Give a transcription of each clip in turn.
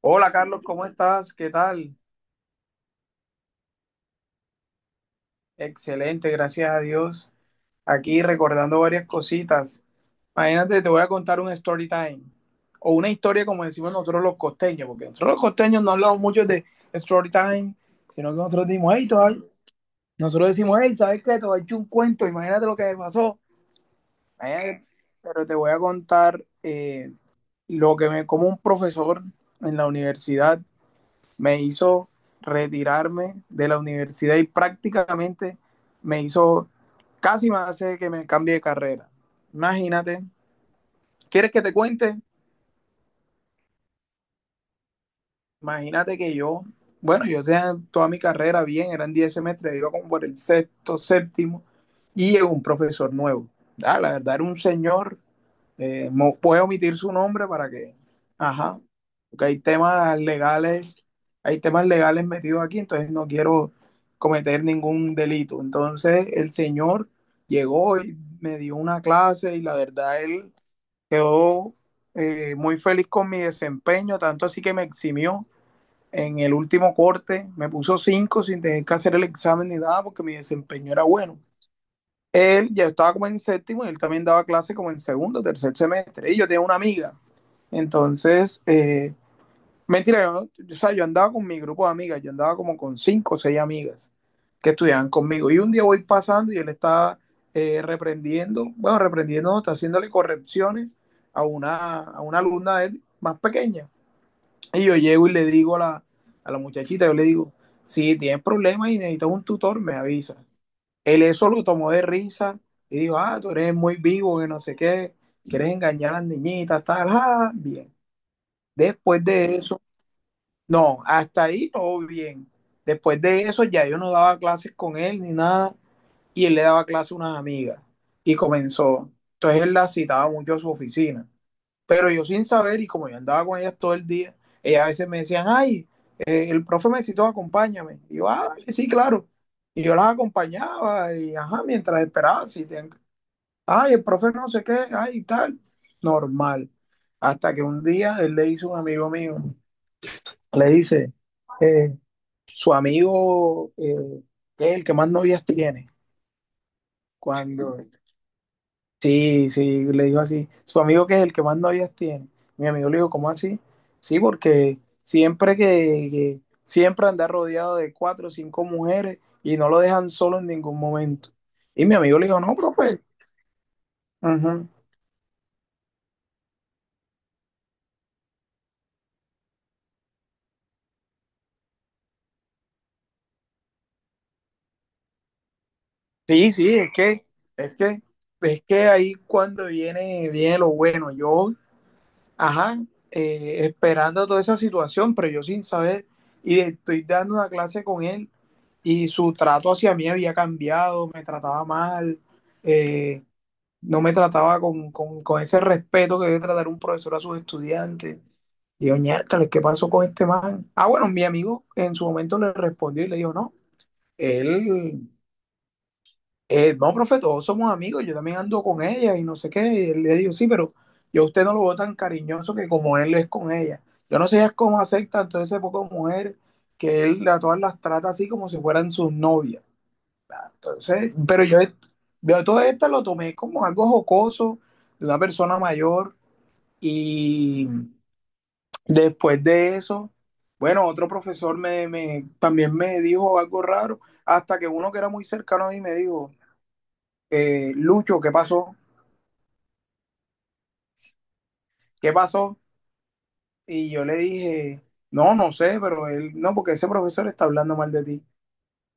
Hola Carlos, ¿cómo estás? ¿Qué tal? Excelente, gracias a Dios. Aquí recordando varias cositas. Imagínate, te voy a contar un story time o una historia como decimos nosotros los costeños, porque nosotros los costeños no hablamos mucho de story time, sino que nosotros decimos, hey, todavía, nosotros decimos, hey, ¿sabes qué? Te voy a echar un cuento, imagínate lo que me pasó. Imagínate. Pero te voy a contar lo que me, como un profesor en la universidad me hizo retirarme de la universidad y prácticamente me hizo, casi me hace que me cambie de carrera. Imagínate, ¿quieres que te cuente? Imagínate que yo, bueno, yo tenía toda mi carrera bien, eran 10 semestres, iba como por el sexto, séptimo, y llegó un profesor nuevo. Ah, la verdad era un señor, puedo omitir su nombre para que, ajá, porque hay temas legales metidos aquí, entonces no quiero cometer ningún delito. Entonces el señor llegó y me dio una clase y la verdad él quedó muy feliz con mi desempeño, tanto así que me eximió en el último corte me puso 5 sin tener que hacer el examen ni nada porque mi desempeño era bueno. Él ya estaba como en séptimo y él también daba clase como en segundo, tercer semestre. Y yo tenía una amiga. Entonces, eh, mentira, yo, no, o sea, yo andaba con mi grupo de amigas, yo andaba como con 5, o seis amigas que estudiaban conmigo. Y un día voy pasando y él está reprendiendo, bueno, reprendiendo, está haciéndole correcciones a una alumna de él más pequeña. Y yo llego y le digo a la muchachita, yo le digo, si tienes problemas y necesitas un tutor, me avisa. Él eso lo tomó de risa y dijo, ah, tú eres muy vivo, que no sé qué, quieres engañar a las niñitas, tal, ah, bien. Después de eso, no, hasta ahí todo bien. Después de eso ya yo no daba clases con él ni nada y él le daba clases a unas amigas y comenzó. Entonces él la citaba mucho a su oficina, pero yo sin saber, y como yo andaba con ellas todo el día, ellas a veces me decían, ay, el profe me citó, acompáñame. Y yo, ah, vale, sí, claro. Y yo las acompañaba y, ajá, mientras esperaba, si te... ay, el profe no sé qué, ay, tal. Normal. Hasta que un día él le dice a un amigo mío, le dice, eh, su amigo, que es el que más novias tiene, cuando. Sí, sí, le dijo así. Su amigo que es el que más novias tiene. Mi amigo le dijo, ¿cómo así? Sí, porque siempre siempre anda rodeado de cuatro o cinco mujeres y no lo dejan solo en ningún momento. Y mi amigo le dijo, no, profe. Ujú. Sí, sí, es que, es que ahí cuando viene, viene lo bueno. Yo. Ajá, esperando toda esa situación, pero yo sin saber, y estoy dando una clase con él y su trato hacia mí había cambiado, me trataba mal, eh, no me trataba con ese respeto que debe tratar un profesor a sus estudiantes. Y yo, "Ñércoles, ¿qué pasó con este man? Ah, bueno, mi amigo en su momento le respondió y le dijo, no, él no, profe, todos somos amigos, yo también ando con ella y no sé qué. Y le digo, sí, pero yo a usted no lo veo tan cariñoso que como él es con ella. Yo no sé ya cómo aceptan todas esas pocas mujer que él a todas las trata así como si fueran sus novias. Entonces, pero yo todo esto lo tomé como algo jocoso de una persona mayor y después de eso, bueno, otro profesor también me dijo algo raro, hasta que uno que era muy cercano a mí me dijo, Lucho, ¿qué pasó? ¿Qué pasó? Y yo le dije, no, no sé, pero él, no, porque ese profesor está hablando mal de ti.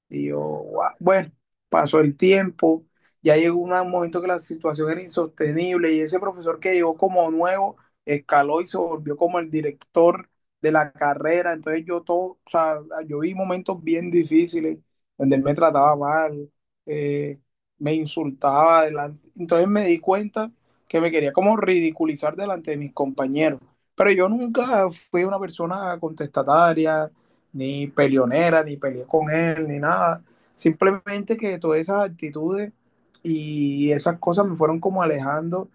Y yo, "Guau". Bueno, pasó el tiempo, ya llegó un momento que la situación era insostenible y ese profesor que llegó como nuevo escaló y se volvió como el director de la carrera. Entonces yo todo, o sea, yo vi momentos bien difíciles donde él me trataba mal, eh, me insultaba delante. Entonces me di cuenta que me quería como ridiculizar delante de mis compañeros. Pero yo nunca fui una persona contestataria ni peleonera, ni peleé con él, ni nada. Simplemente que todas esas actitudes y esas cosas me fueron como alejando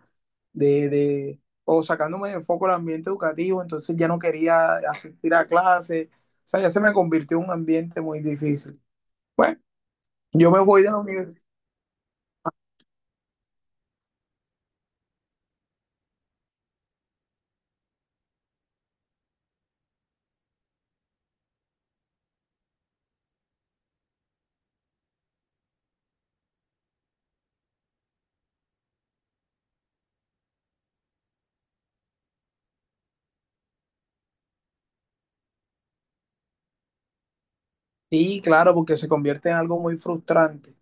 de o sacándome de foco el ambiente educativo, entonces ya no quería asistir a clases, o sea, ya se me convirtió en un ambiente muy difícil. Bueno, yo me voy de la universidad. Sí, claro, porque se convierte en algo muy frustrante.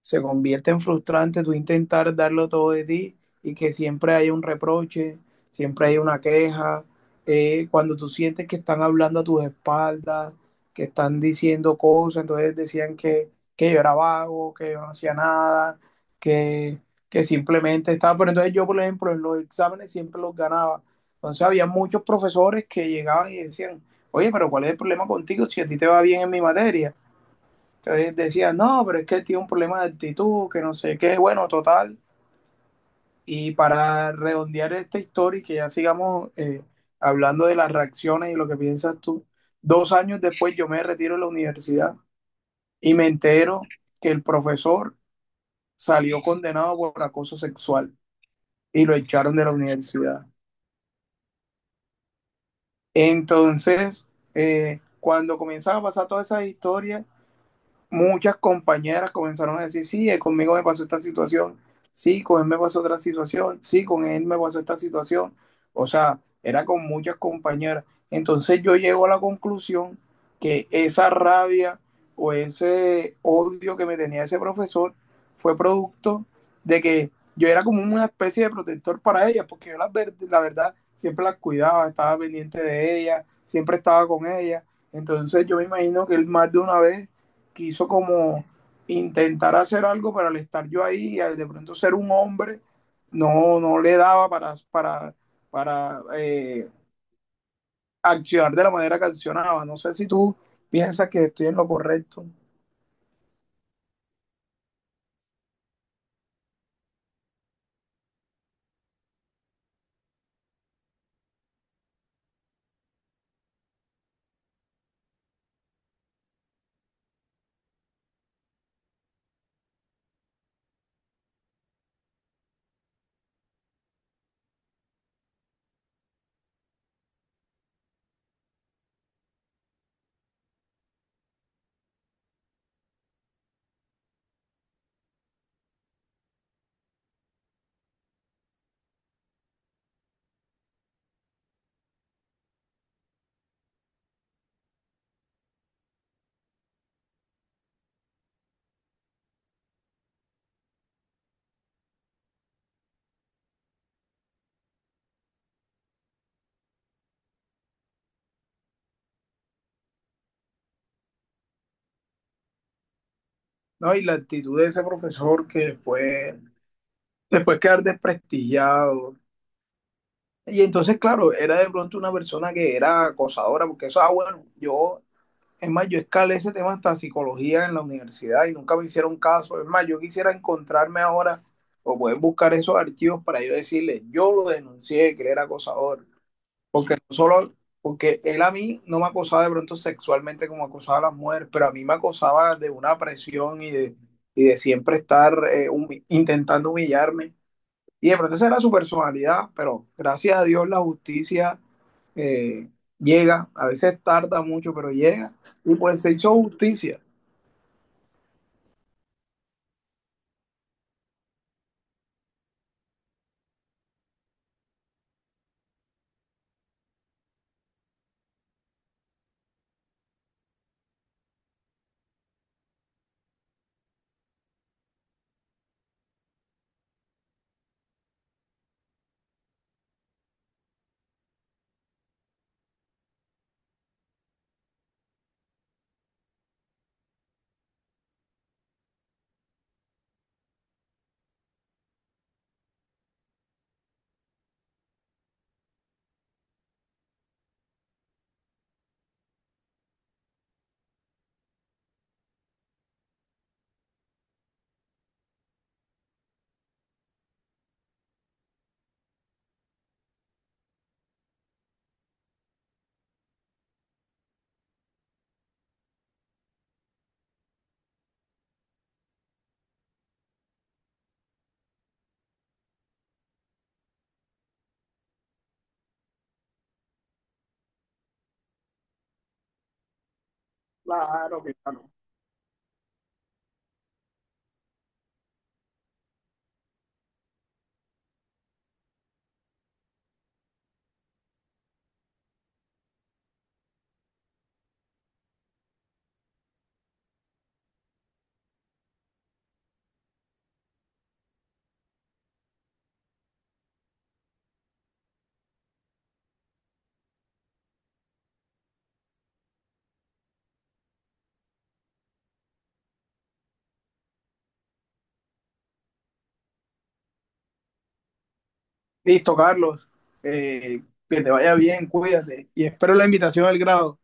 Se convierte en frustrante tú intentar darlo todo de ti y que siempre hay un reproche, siempre hay una queja. Cuando tú sientes que están hablando a tus espaldas, que están diciendo cosas, entonces decían que yo era vago, que yo no hacía nada, que, que simplemente estaba. Pero entonces yo, por ejemplo, en los exámenes siempre los ganaba. Entonces había muchos profesores que llegaban y decían, oye, pero ¿cuál es el problema contigo si a ti te va bien en mi materia? Entonces decía, no, pero es que él tiene un problema de actitud, que no sé qué, bueno, total. Y para redondear esta historia y que ya sigamos hablando de las reacciones y lo que piensas tú, dos años después yo me retiro de la universidad y me entero que el profesor salió condenado por acoso sexual y lo echaron de la universidad. Entonces, cuando comienzan a pasar todas esas historias, muchas compañeras comenzaron a decir, sí, conmigo me pasó esta situación, sí, con él me pasó otra situación, sí, con él me pasó esta situación. O sea, era con muchas compañeras. Entonces yo llego a la conclusión que esa rabia o ese odio que me tenía ese profesor fue producto de que yo era como una especie de protector para ellas, porque yo la verdad siempre las cuidaba, estaba pendiente de ellas, siempre estaba con ellas. Entonces yo me imagino que él más de una vez quiso como intentar hacer algo, pero al estar yo ahí y al de pronto ser un hombre, no, no le daba para accionar de la manera que accionaba. No sé si tú piensas que estoy en lo correcto. ¿No? Y la actitud de ese profesor que después, después quedar desprestigiado. Y entonces, claro, era de pronto una persona que era acosadora, porque eso, ah, bueno, yo. Es más, yo escalé ese tema hasta psicología en la universidad y nunca me hicieron caso. Es más, yo quisiera encontrarme ahora o poder buscar esos archivos para yo decirle, yo lo denuncié, que él era acosador. Porque no solo, porque él a mí no me acosaba de pronto sexualmente como acosaba a las mujeres, pero a mí me acosaba de una presión y de siempre estar intentando humillarme. Y de pronto esa era su personalidad, pero gracias a Dios la justicia eh, llega, a veces tarda mucho, pero llega. Y pues se hizo justicia. Claro, que claro. Listo, Carlos. eh, que te vaya bien, cuídate. Y espero la invitación al grado.